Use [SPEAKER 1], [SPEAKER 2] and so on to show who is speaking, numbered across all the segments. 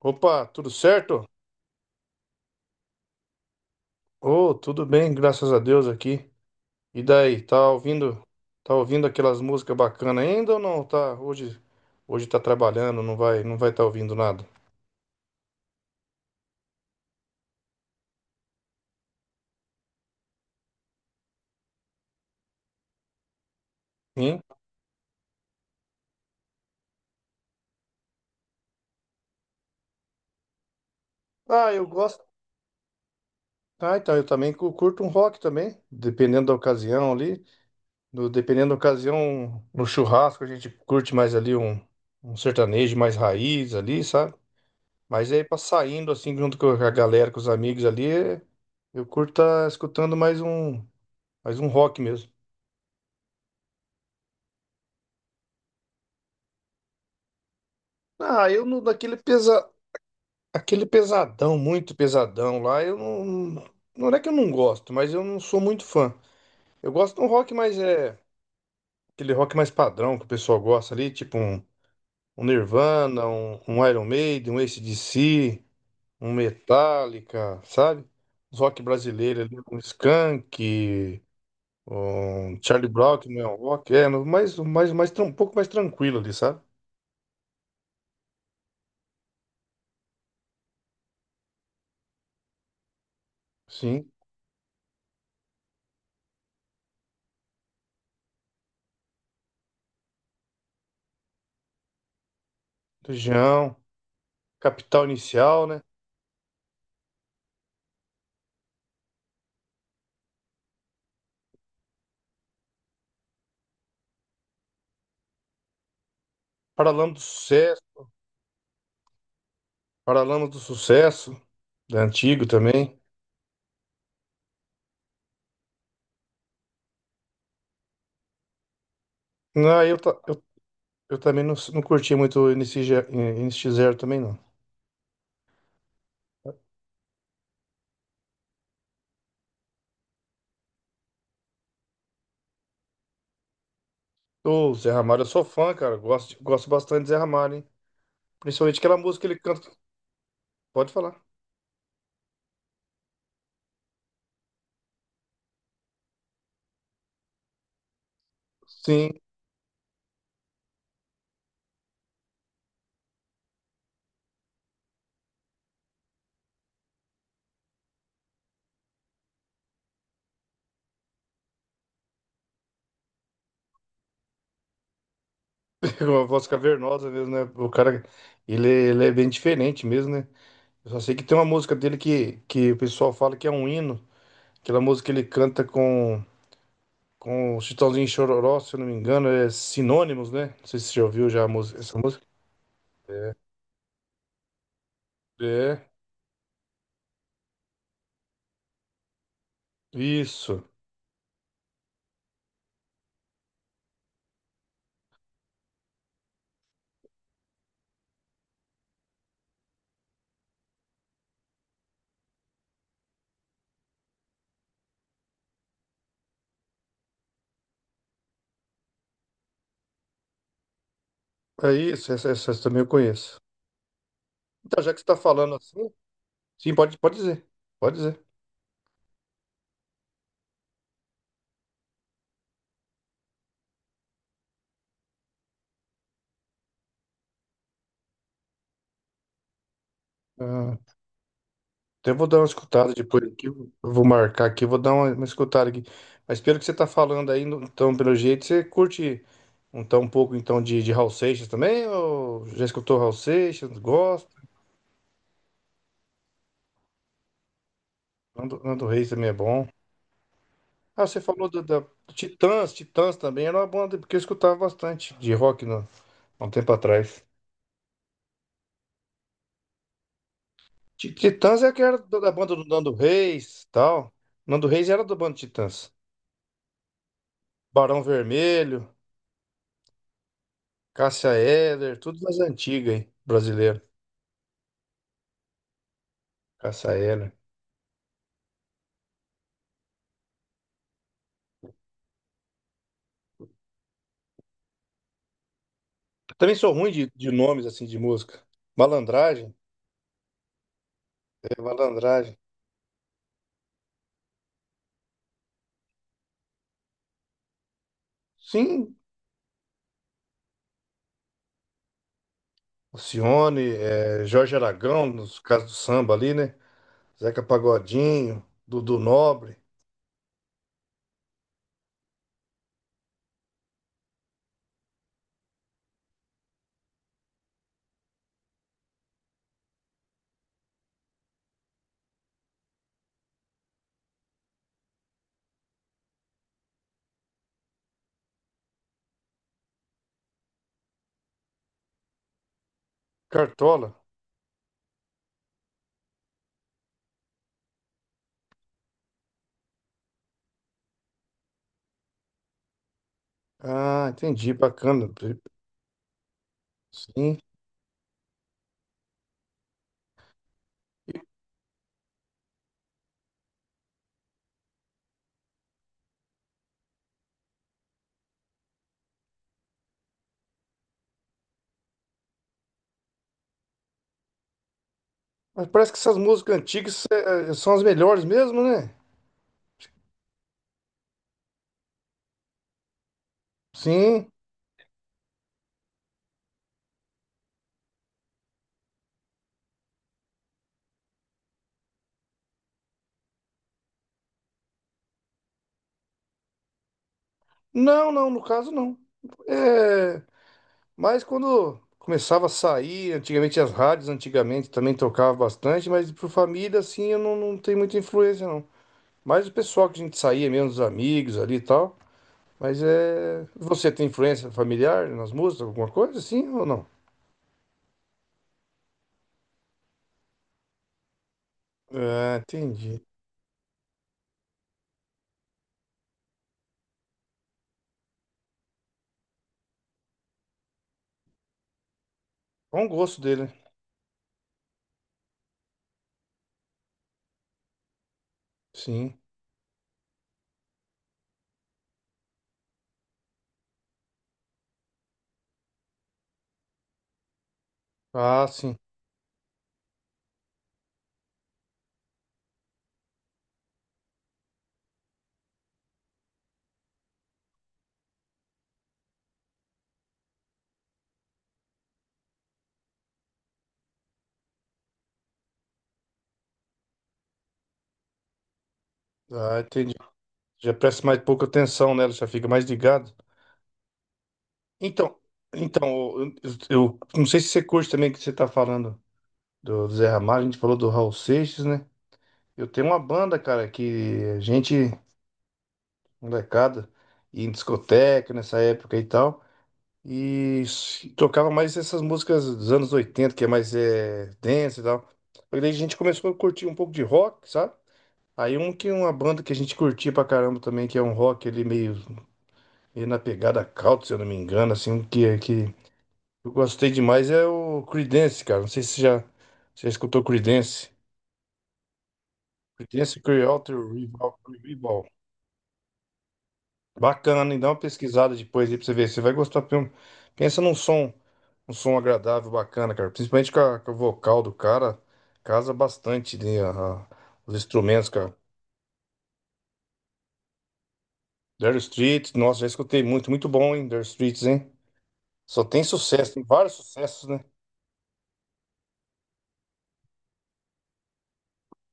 [SPEAKER 1] Opa, tudo certo? Oh, tudo bem, graças a Deus aqui. E daí, tá ouvindo aquelas músicas bacanas ainda ou não? Tá, hoje tá trabalhando, não vai tá ouvindo nada. Hein? Ah, eu gosto. Ah, então eu também curto um rock também, dependendo da ocasião ali. Dependendo da ocasião, no churrasco a gente curte mais ali um sertanejo mais raiz ali, sabe? Mas aí pra saindo assim junto com a galera, com os amigos ali, eu curto tá escutando mais um. Faz um rock mesmo. Ah, eu não, aquele pesadão, muito pesadão lá, eu não, não é que eu não gosto, mas eu não sou muito fã. Eu gosto de um rock mais, aquele rock mais padrão que o pessoal gosta ali, tipo um Nirvana, um Iron Maiden, um AC/DC, um Metallica, sabe? Os rock brasileiro ali, um Skank, um Charlie Brown, que não é um rock, mais, um pouco mais tranquilo ali, sabe? Sim, Legião, Capital Inicial, né? Paralama do Sucesso, Paralama do Sucesso, da antigo também. Não, eu também não curti muito o NX0 nx também, não. Ô, Zé Ramalho, eu sou fã, cara. Gosto bastante de Zé Ramalho, hein? Principalmente aquela música que ele canta. Pode falar. Sim, com uma voz cavernosa mesmo, né? O cara, ele é bem diferente mesmo, né? Eu só sei que tem uma música dele que o pessoal fala que é um hino. Aquela música que ele canta com. Com o Chitãozinho e Chororó, se eu não me engano, é Sinônimos, né? Não sei se você já ouviu já a música, essa música. É, isso. É isso, essa também eu conheço. Então, já que você está falando assim, sim, pode dizer. Pode dizer. Ah, até vou dar uma escutada depois aqui. Eu vou marcar aqui, vou dar uma escutada aqui. Mas pelo que você está falando aí, então, pelo jeito, você curte um pouco então de Raul Seixas também? Ou já escutou Raul Seixas? Gosta? Nando Reis também é bom. Ah, você falou do Titãs, também era uma banda, porque eu escutava bastante de rock no, há um tempo atrás. Titãs é aquela da banda do Nando Reis, tal. Nando Reis era da banda Titãs. Barão Vermelho, Cássia Eller, tudo mais antiga, hein? Brasileiro, Cássia Eller. Também sou ruim de nomes, assim, de música. Malandragem, Malandragem. Sim, Alcione, Jorge Aragão, nos casos do samba ali, né? Zeca Pagodinho, Dudu Nobre, Cartola. Ah, entendi, bacana. Sim. Mas parece que essas músicas antigas são as melhores mesmo, né? Sim. Não, não, no caso não. É, mas quando começava a sair, antigamente as rádios antigamente também tocava bastante, mas por família assim eu não tenho muita influência não. Mas o pessoal que a gente saía mesmo, os amigos ali e tal. Mas é. Você tem influência familiar nas músicas, alguma coisa assim ou não? É, entendi. Bom gosto dele, né? Sim. Ah, sim. Ah, entendi. Já presta mais pouca atenção nela, já fica mais ligado. Então, então, eu, eu não sei se você curte também que você tá falando do Zé Ramalho, a gente falou do Raul Seixas, né? Eu tenho uma banda, cara, que a gente, molecada, ia em discoteca nessa época e tal, e tocava mais essas músicas dos anos 80, que é mais dance e tal. Aí daí a gente começou a curtir um pouco de rock, sabe? Aí um que uma banda que a gente curtia pra caramba também, que é um rock ali meio. E na pegada country, se eu não me engano, assim, o que eu gostei demais é o Creedence, cara. Não sei se você já, escutou Creedence. Creedence Clearwater Revival. Bacana, hein? Dá uma pesquisada depois aí pra você ver. Você vai gostar. Pensa num som, um som agradável, bacana, cara. Principalmente com o vocal do cara, casa bastante, né? A- os instrumentos, cara. Dire Straits, nossa, já escutei muito, muito bom, hein? Dire Straits, hein? Só tem sucesso, tem vários sucessos, né?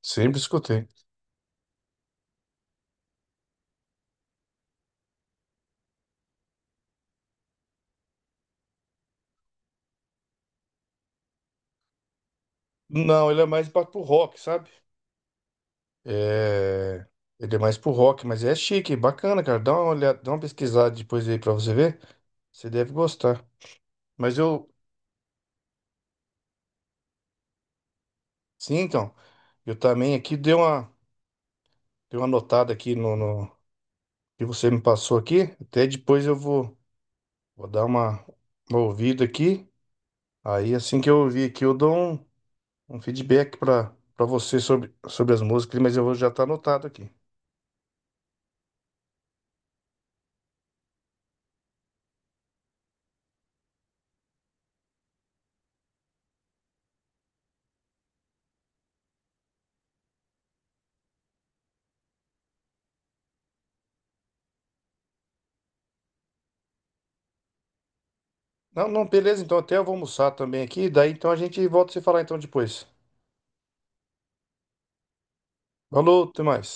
[SPEAKER 1] Sempre escutei. Não, ele é mais pro rock, sabe? É... Ele é mais pro rock, mas é chique, bacana, cara. Dá uma olhada, dá uma pesquisada depois aí pra você ver. Você deve gostar. Mas eu, sim, então, eu também aqui dei uma notada aqui no que você me passou aqui. Até depois eu vou dar uma ouvida aqui. Aí assim que eu ouvir aqui, eu dou um feedback pra você sobre as músicas, mas eu vou já tá anotado aqui. Não, não, beleza, então até eu vou almoçar também aqui, daí então a gente volta a se falar então depois. Falou, até mais.